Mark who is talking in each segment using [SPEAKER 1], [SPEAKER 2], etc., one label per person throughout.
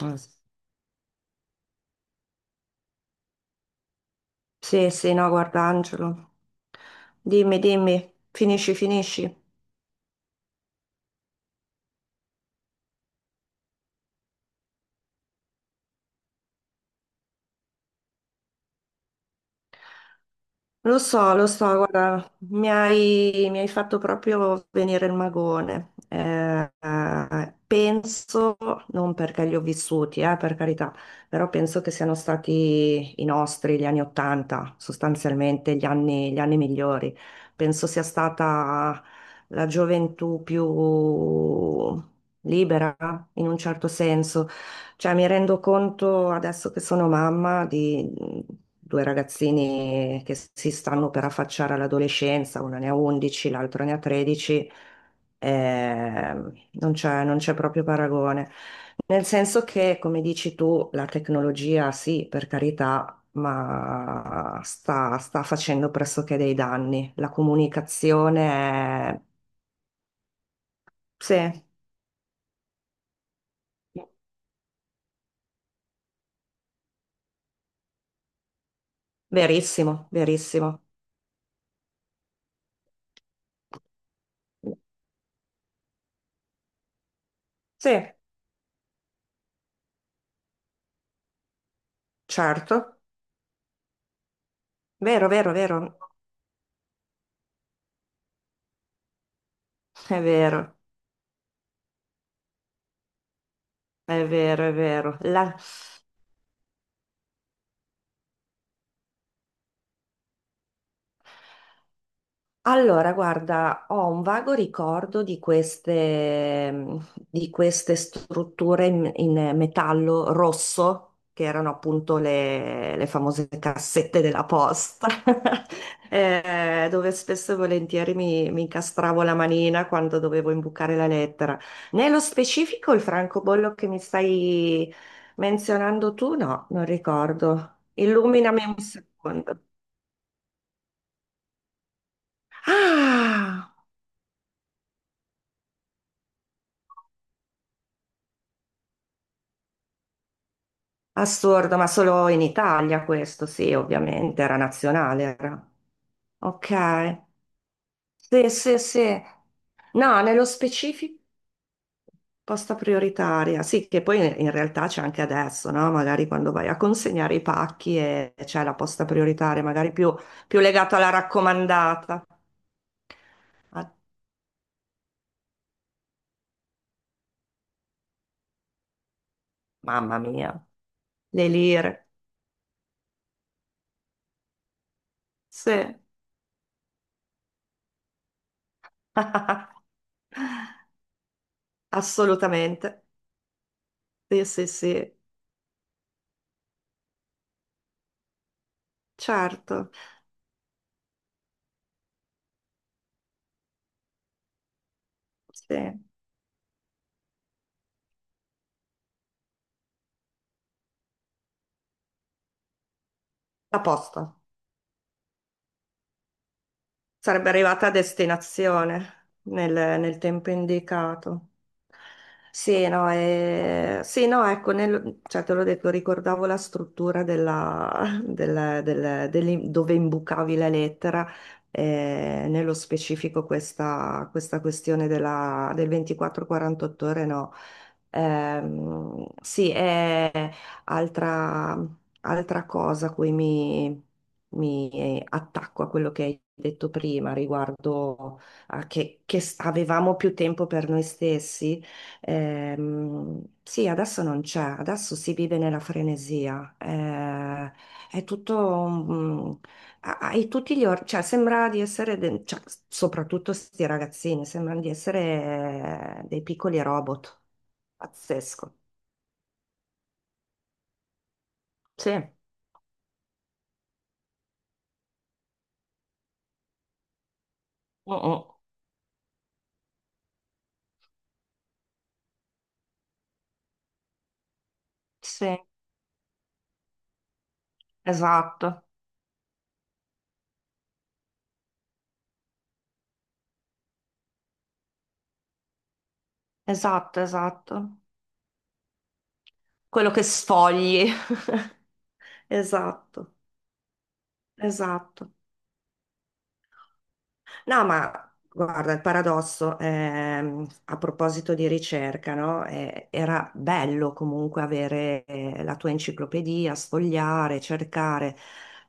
[SPEAKER 1] Mm. Sì, sì, no, guarda Angelo. Dimmi, dimmi, finisci, finisci. Lo so, guarda, mi hai fatto proprio venire il magone. Penso, non perché li ho vissuti, per carità, però penso che siano stati i nostri, gli anni Ottanta, sostanzialmente gli anni migliori. Penso sia stata la gioventù più libera, in un certo senso. Cioè, mi rendo conto adesso che sono mamma di due ragazzini che si stanno per affacciare all'adolescenza, una ne ha 11, l'altro ne ha 13. Non c'è proprio paragone. Nel senso che, come dici tu, la tecnologia sì, per carità, ma sta facendo pressoché dei danni. La comunicazione è. Sì, verissimo, verissimo. Sì, certo. Vero, vero, vero, è vero, è vero, è vero. Allora, guarda, ho un vago ricordo di queste strutture in metallo rosso, che erano appunto le famose cassette della posta, dove spesso e volentieri mi incastravo la manina quando dovevo imbucare la lettera. Nello specifico il francobollo che mi stai menzionando tu, no, non ricordo. Illuminami un secondo. Ah! Assurdo, ma solo in Italia questo, sì, ovviamente, era nazionale, era. Ok. Sì, sì, sì. No, nello specifico posta prioritaria, sì, che poi in realtà c'è anche adesso, no? Magari quando vai a consegnare i pacchi e c'è la posta prioritaria, magari più legata alla raccomandata. Ah, mamma mia, le lire. Sì, assolutamente. Sì, sì, sì, certo. Sì. La posta. Sarebbe arrivata a destinazione nel tempo indicato. Sì, no, sì, no, ecco, cioè, te l'ho detto, ricordavo la struttura della, del- del- dell'im- dove imbucavi la lettera. Nello specifico questa, questione del 24-48 ore, no. Sì. Altra, altra cosa a cui mi attacco a quello che hai detto prima riguardo a avevamo più tempo per noi stessi, sì, adesso non c'è, adesso si vive nella frenesia, è tutto, hai cioè sembra di essere, cioè, soprattutto questi ragazzini, sembrano di essere dei piccoli robot, pazzesco. Sì. Oh, oh. Sì. Esatto, esatto, esatto. Quello che sfogli. Esatto, esatto. No, ma guarda, il paradosso, a proposito di ricerca, no? Era bello comunque avere la tua enciclopedia, sfogliare, cercare.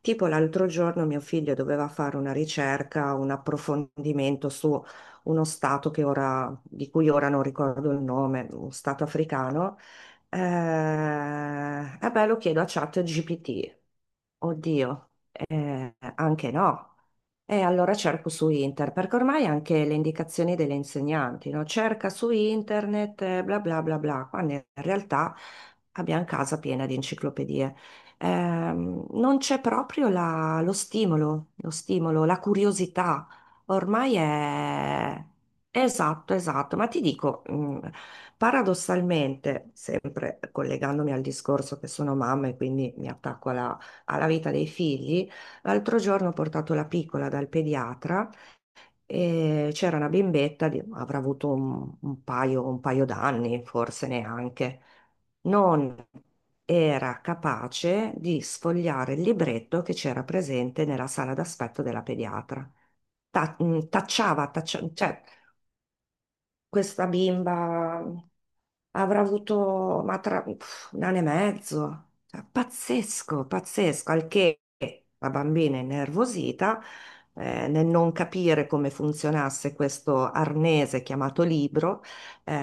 [SPEAKER 1] Tipo l'altro giorno mio figlio doveva fare una ricerca, un approfondimento su uno stato che di cui ora non ricordo il nome, un stato africano. Eh, eh beh, lo chiedo a ChatGPT. Oddio, anche no. E allora cerco su internet, perché ormai anche le indicazioni delle insegnanti, no? Cerca su internet, bla bla bla bla, quando in realtà abbiamo casa piena di enciclopedie. Non c'è proprio lo stimolo, la curiosità. Ormai è. Esatto, esatto, ma ti dico, paradossalmente, sempre collegandomi al discorso che sono mamma e quindi mi attacco alla vita dei figli. L'altro giorno ho portato la piccola dal pediatra e c'era una bimbetta, avrà avuto un paio d'anni, forse neanche. Non era capace di sfogliare il libretto che c'era presente nella sala d'aspetto della pediatra. Tacciava, cioè, questa bimba avrà avuto un anno e mezzo. Cioè, pazzesco, pazzesco, al che la bambina innervosita, nel non capire come funzionasse questo arnese chiamato libro,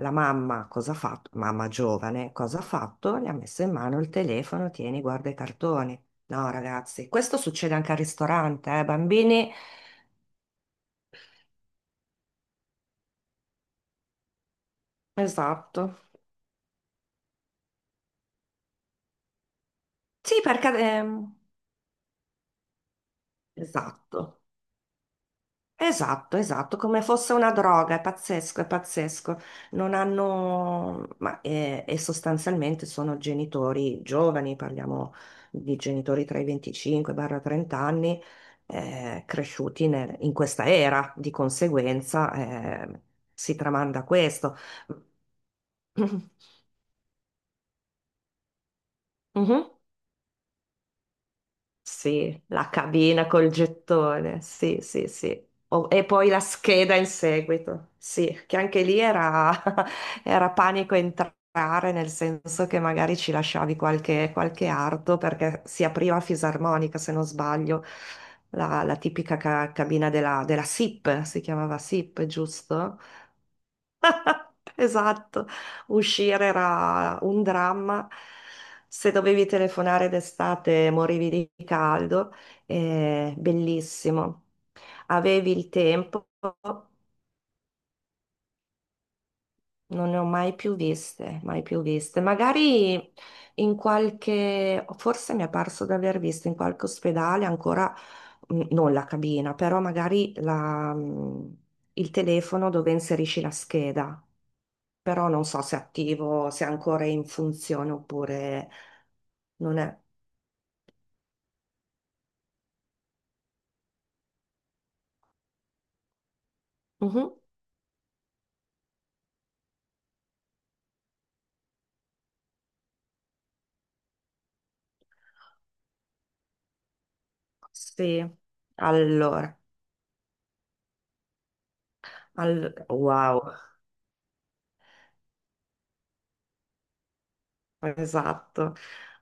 [SPEAKER 1] la mamma cosa ha fatto? Mamma giovane, cosa ha fatto? Le ha messo in mano il telefono, tieni, guarda i cartoni. No, ragazzi, questo succede anche al ristorante, bambini. Esatto. Sì, esatto. Esatto, esatto, come fosse una droga, è pazzesco, è pazzesco. Non hanno, ma, e sostanzialmente sono genitori giovani, parliamo di genitori tra i 25-30 anni, cresciuti in questa era, di conseguenza, si tramanda questo. Mhm. Sì, la cabina col gettone, sì, sì, sì. E poi la scheda in seguito, sì, che anche lì era, era panico entrare, nel senso che magari ci lasciavi qualche arto perché si apriva a fisarmonica, se non sbaglio, la tipica cabina della SIP, si chiamava SIP, giusto? Esatto, uscire era un dramma. Se dovevi telefonare d'estate morivi di caldo. Bellissimo. Avevi il tempo, non ne ho mai più viste, mai più viste. Magari forse mi è parso di aver visto in qualche ospedale ancora, non la cabina, però magari il telefono dove inserisci la scheda. Però non so se è attivo, se è ancora in funzione oppure non è. Mhm. Sì, allora, wow, esatto.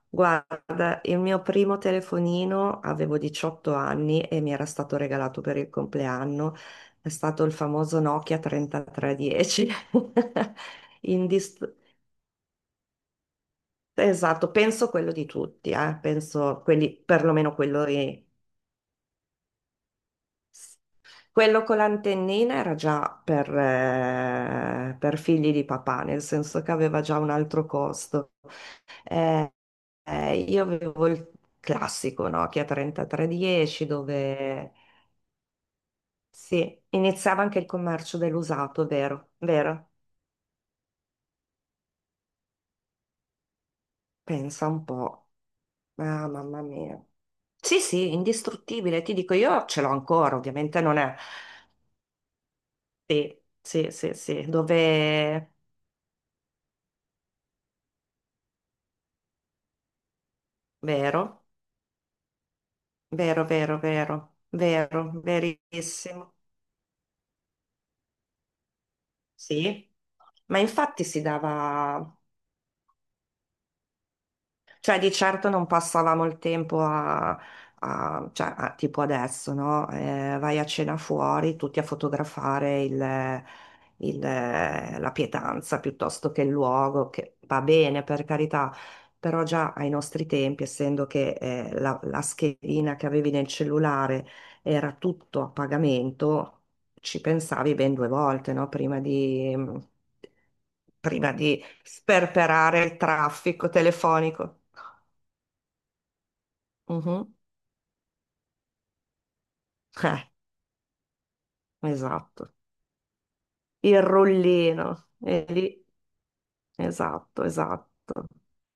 [SPEAKER 1] Guarda, il mio primo telefonino avevo 18 anni e mi era stato regalato per il compleanno. È stato il famoso Nokia 3310. Indist- Esatto, penso quello di tutti, penso quelli, perlomeno quello. Quello con l'antennina era già per figli di papà, nel senso che aveva già un altro costo. Eh, io avevo il classico Nokia 3310 dove sì, iniziava anche il commercio dell'usato, vero? Vero? Pensa un po'. Ah, mamma mia. Sì, sì, indistruttibile, ti dico, io ce l'ho ancora, ovviamente non è. Sì, sì, sì, sì, dove. Vero? Vero, vero, vero, vero, verissimo. Sì, ma infatti si dava, cioè, di certo non passavamo il tempo a, a- cioè, a- tipo adesso, no? Vai a cena fuori, tutti a fotografare la pietanza piuttosto che il luogo, che va bene per carità, però già ai nostri tempi, essendo che la schedina che avevi nel cellulare era tutto a pagamento, ci pensavi ben due volte, no? Prima di sperperare il traffico telefonico. Mhm. Eh, esatto. Il rullino. E lì, esatto, esatto.